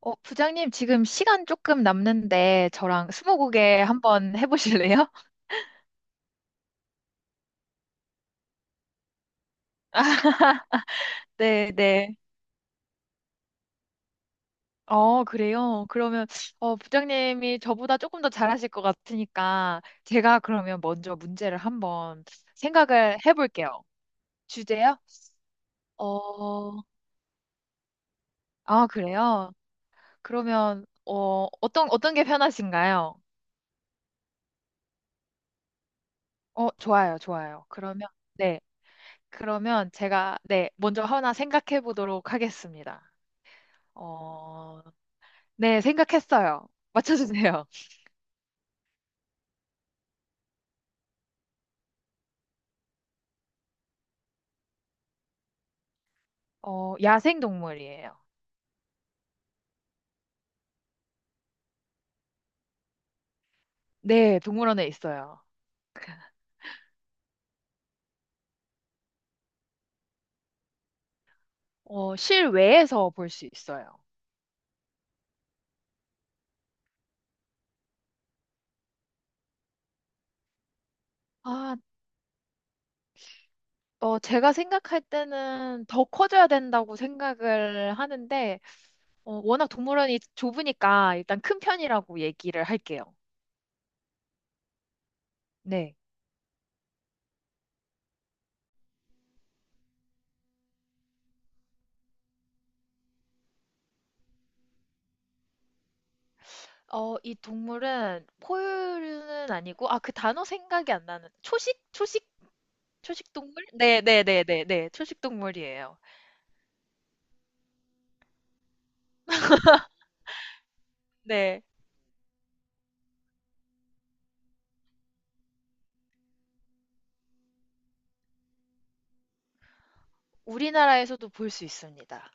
부장님, 지금 시간 조금 남는데, 저랑 스무고개 한번 해보실래요? 네, 네. 어, 그래요? 그러면, 부장님이 저보다 조금 더 잘하실 것 같으니까, 제가 그러면 먼저 문제를 한번 생각을 해볼게요. 주제요? 어, 아, 그래요? 그러면, 어떤 게 편하신가요? 좋아요, 좋아요. 그러면, 네. 그러면 제가, 네, 먼저 하나 생각해 보도록 하겠습니다. 어, 네, 생각했어요. 맞춰주세요. 야생 동물이에요. 네, 동물원에 있어요. 실외에서 볼 수 있어요. 아, 제가 생각할 때는 더 커져야 된다고 생각을 하는데, 워낙 동물원이 좁으니까 일단 큰 편이라고 얘기를 할게요. 네. 이 동물은 포유류는 아니고, 아, 그 단어 생각이 안 나는, 초식? 초식? 초식 동물? 네, 네, 네, 네, 네, 초식 동물이에요. 네. 우리나라에서도 볼 수 있습니다.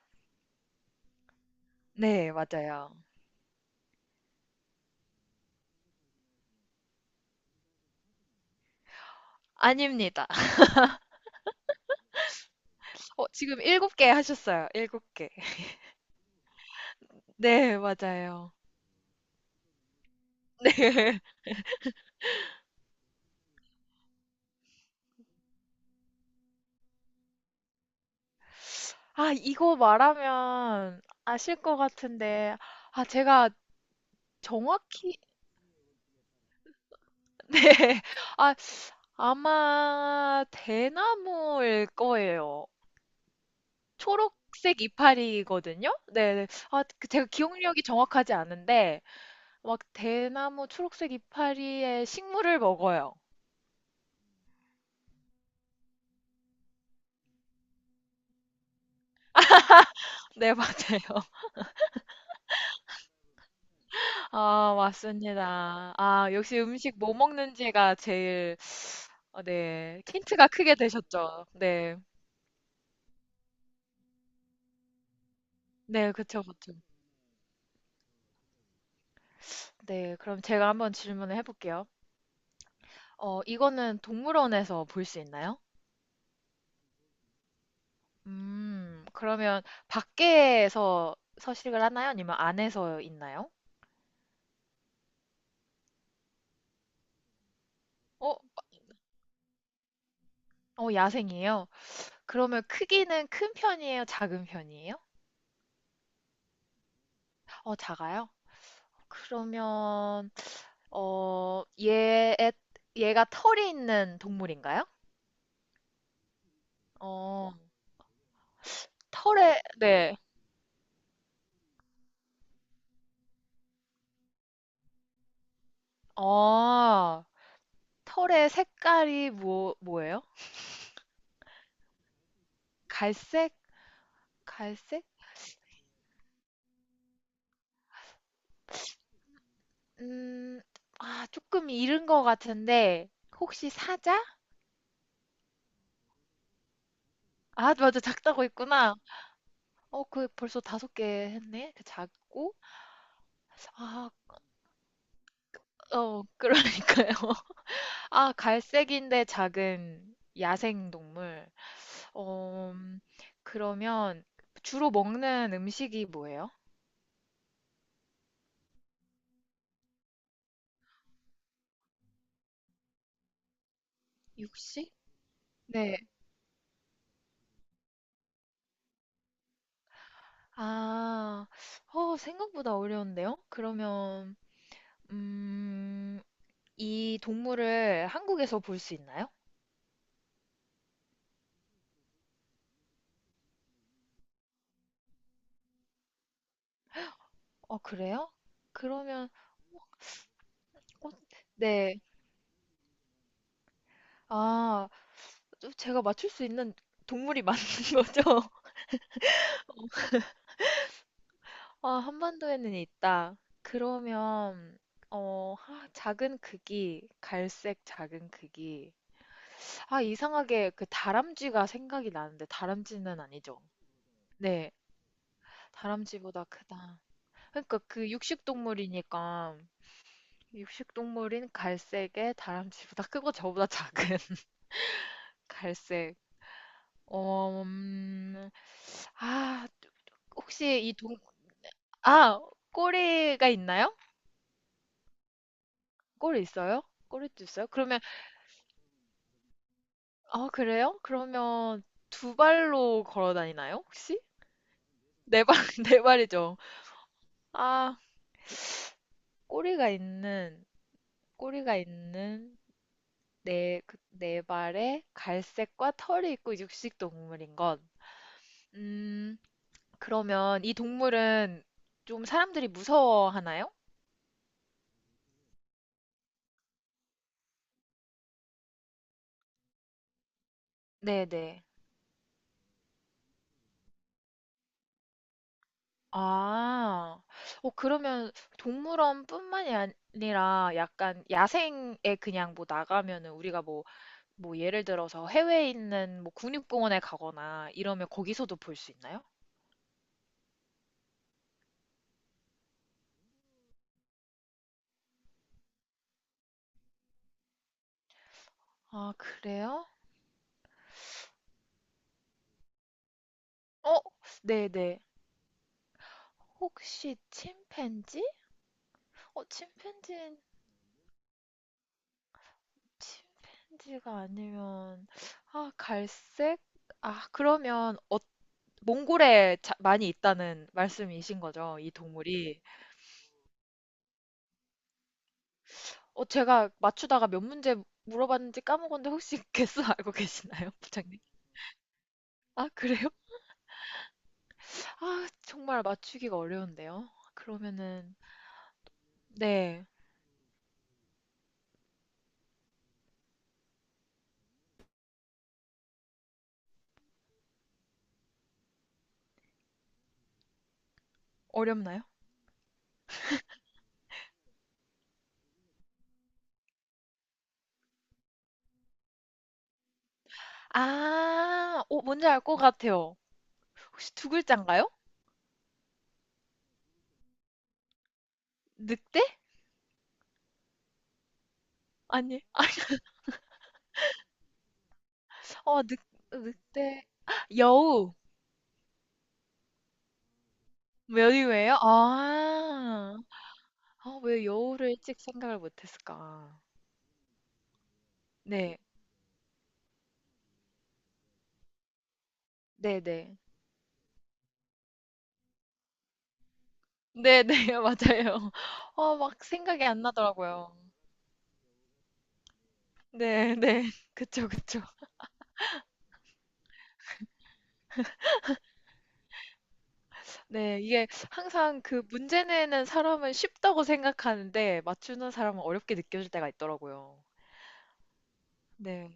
네, 맞아요. 아닙니다. 지금 7개 하셨어요. 7개. 네, 맞아요. 네. 아, 이거 말하면 아실 것 같은데, 아, 제가 정확히, 네. 아, 아마 대나무일 거예요. 초록색 이파리거든요? 네. 네. 아, 그 제가 기억력이 정확하지 않은데, 막 대나무 초록색 이파리의 식물을 먹어요. 네, 맞아요. 아, 맞습니다. 아, 역시 음식 뭐 먹는지가 제일, 네, 힌트가 크게 되셨죠. 네. 네, 그쵸, 그쵸. 네, 그럼 제가 한번 질문을 해볼게요. 이거는 동물원에서 볼 수 있나요? 그러면 밖에서 서식을 하나요? 아니면 안에서 있나요? 어, 야생이에요. 그러면 크기는 큰 편이에요? 작은 편이에요? 작아요? 그러면 어, 얘, 얘가 털이 있는 동물인가요? 어, 네. 어, 털의 색깔이 뭐예요? 갈색? 갈색? 음, 아, 조금 이른 것 같은데, 혹시 사자? 아, 맞아, 작다고 했구나. 그 벌써 다섯 개 했네? 그 작고? 아, 그러니까요. 아, 갈색인데 작은 야생 동물. 어, 음, 그러면 주로 먹는 음식이 뭐예요? 육식? 네. 아, 생각보다 어려운데요? 그러면, 음, 이 동물을 한국에서 볼 수 있나요? 어, 그래요? 그러면, 어, 네. 아, 좀 제가 맞출 수 있는 동물이 맞는 거죠? 아, 한반도에는 있다. 그러면, 작은 크기, 갈색 작은 크기. 아, 이상하게 그 다람쥐가 생각이 나는데 다람쥐는 아니죠. 네, 다람쥐보다 크다. 그러니까 그 육식동물이니까 육식동물인 갈색에 다람쥐보다 크고 저보다 작은 갈색. 어, 음, 아, 혹시 아, 꼬리가 있나요? 꼬리 있어요? 꼬리도 있어요? 그러면, 아, 그래요? 그러면 두 발로 걸어 다니나요, 혹시? 네 발, 네 발이죠. 아, 꼬리가 있는 꼬리가 있는, 네, 그, 네 발에 갈색과 털이 있고 육식 동물인 것. 음, 그러면 이 동물은 좀 사람들이 무서워하나요? 네네. 아, 그러면 동물원뿐만이 아니라 약간 야생에 그냥 뭐 나가면은 우리가 뭐, 예를 들어서 해외에 있는 뭐 국립공원에 가거나 이러면 거기서도 볼 수 있나요? 아, 그래요? 어, 네네. 혹시 침팬지? 어, 침팬지, 침팬지가 아니면, 아, 갈색? 아, 그러면, 몽골에 많이 있다는 말씀이신 거죠, 이 동물이. 제가 맞추다가 몇 문제 물어봤는지 까먹었는데 혹시 개수 알고 계시나요, 부장님? 아, 그래요? 아, 정말 맞추기가 어려운데요. 그러면은, 네, 어렵나요? 아, 뭔지 알 것 같아요. 혹시 두 글자인가요? 늑대? 아니, 어, 늑, 늑대, 아, 여우. 메뉴예요? 아. 아, 왜 여우를 일찍 생각을 못 했을까? 네. 네네. 네네. 맞아요. 막 생각이 안 나더라고요. 네 네. 그쵸, 그쵸. 네. 이게 항상 그 문제 내는 사람은 쉽다고 생각하는데 맞추는 사람은 어렵게 느껴질 때가 있더라고요. 네.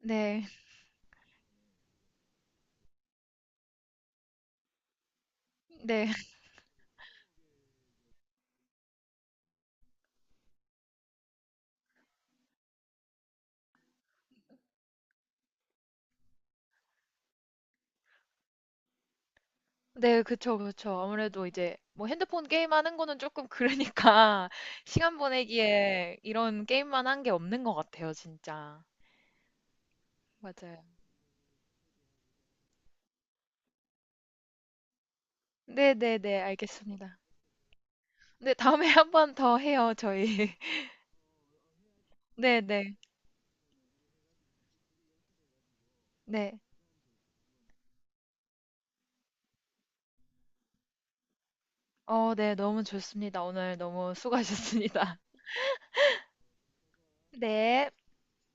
네. 네. 네, 그쵸, 그쵸. 아무래도 이제 뭐 핸드폰 게임하는 거는 조금 그러니까 시간 보내기에 이런 게임만 한 게 없는 것 같아요, 진짜. 맞아요. 네, 네, 네, 알겠습니다. 네, 다음에 한 번 더 해요, 저희. 네, 네, 네. 네, 너무 좋습니다. 오늘 너무 수고하셨습니다. 네.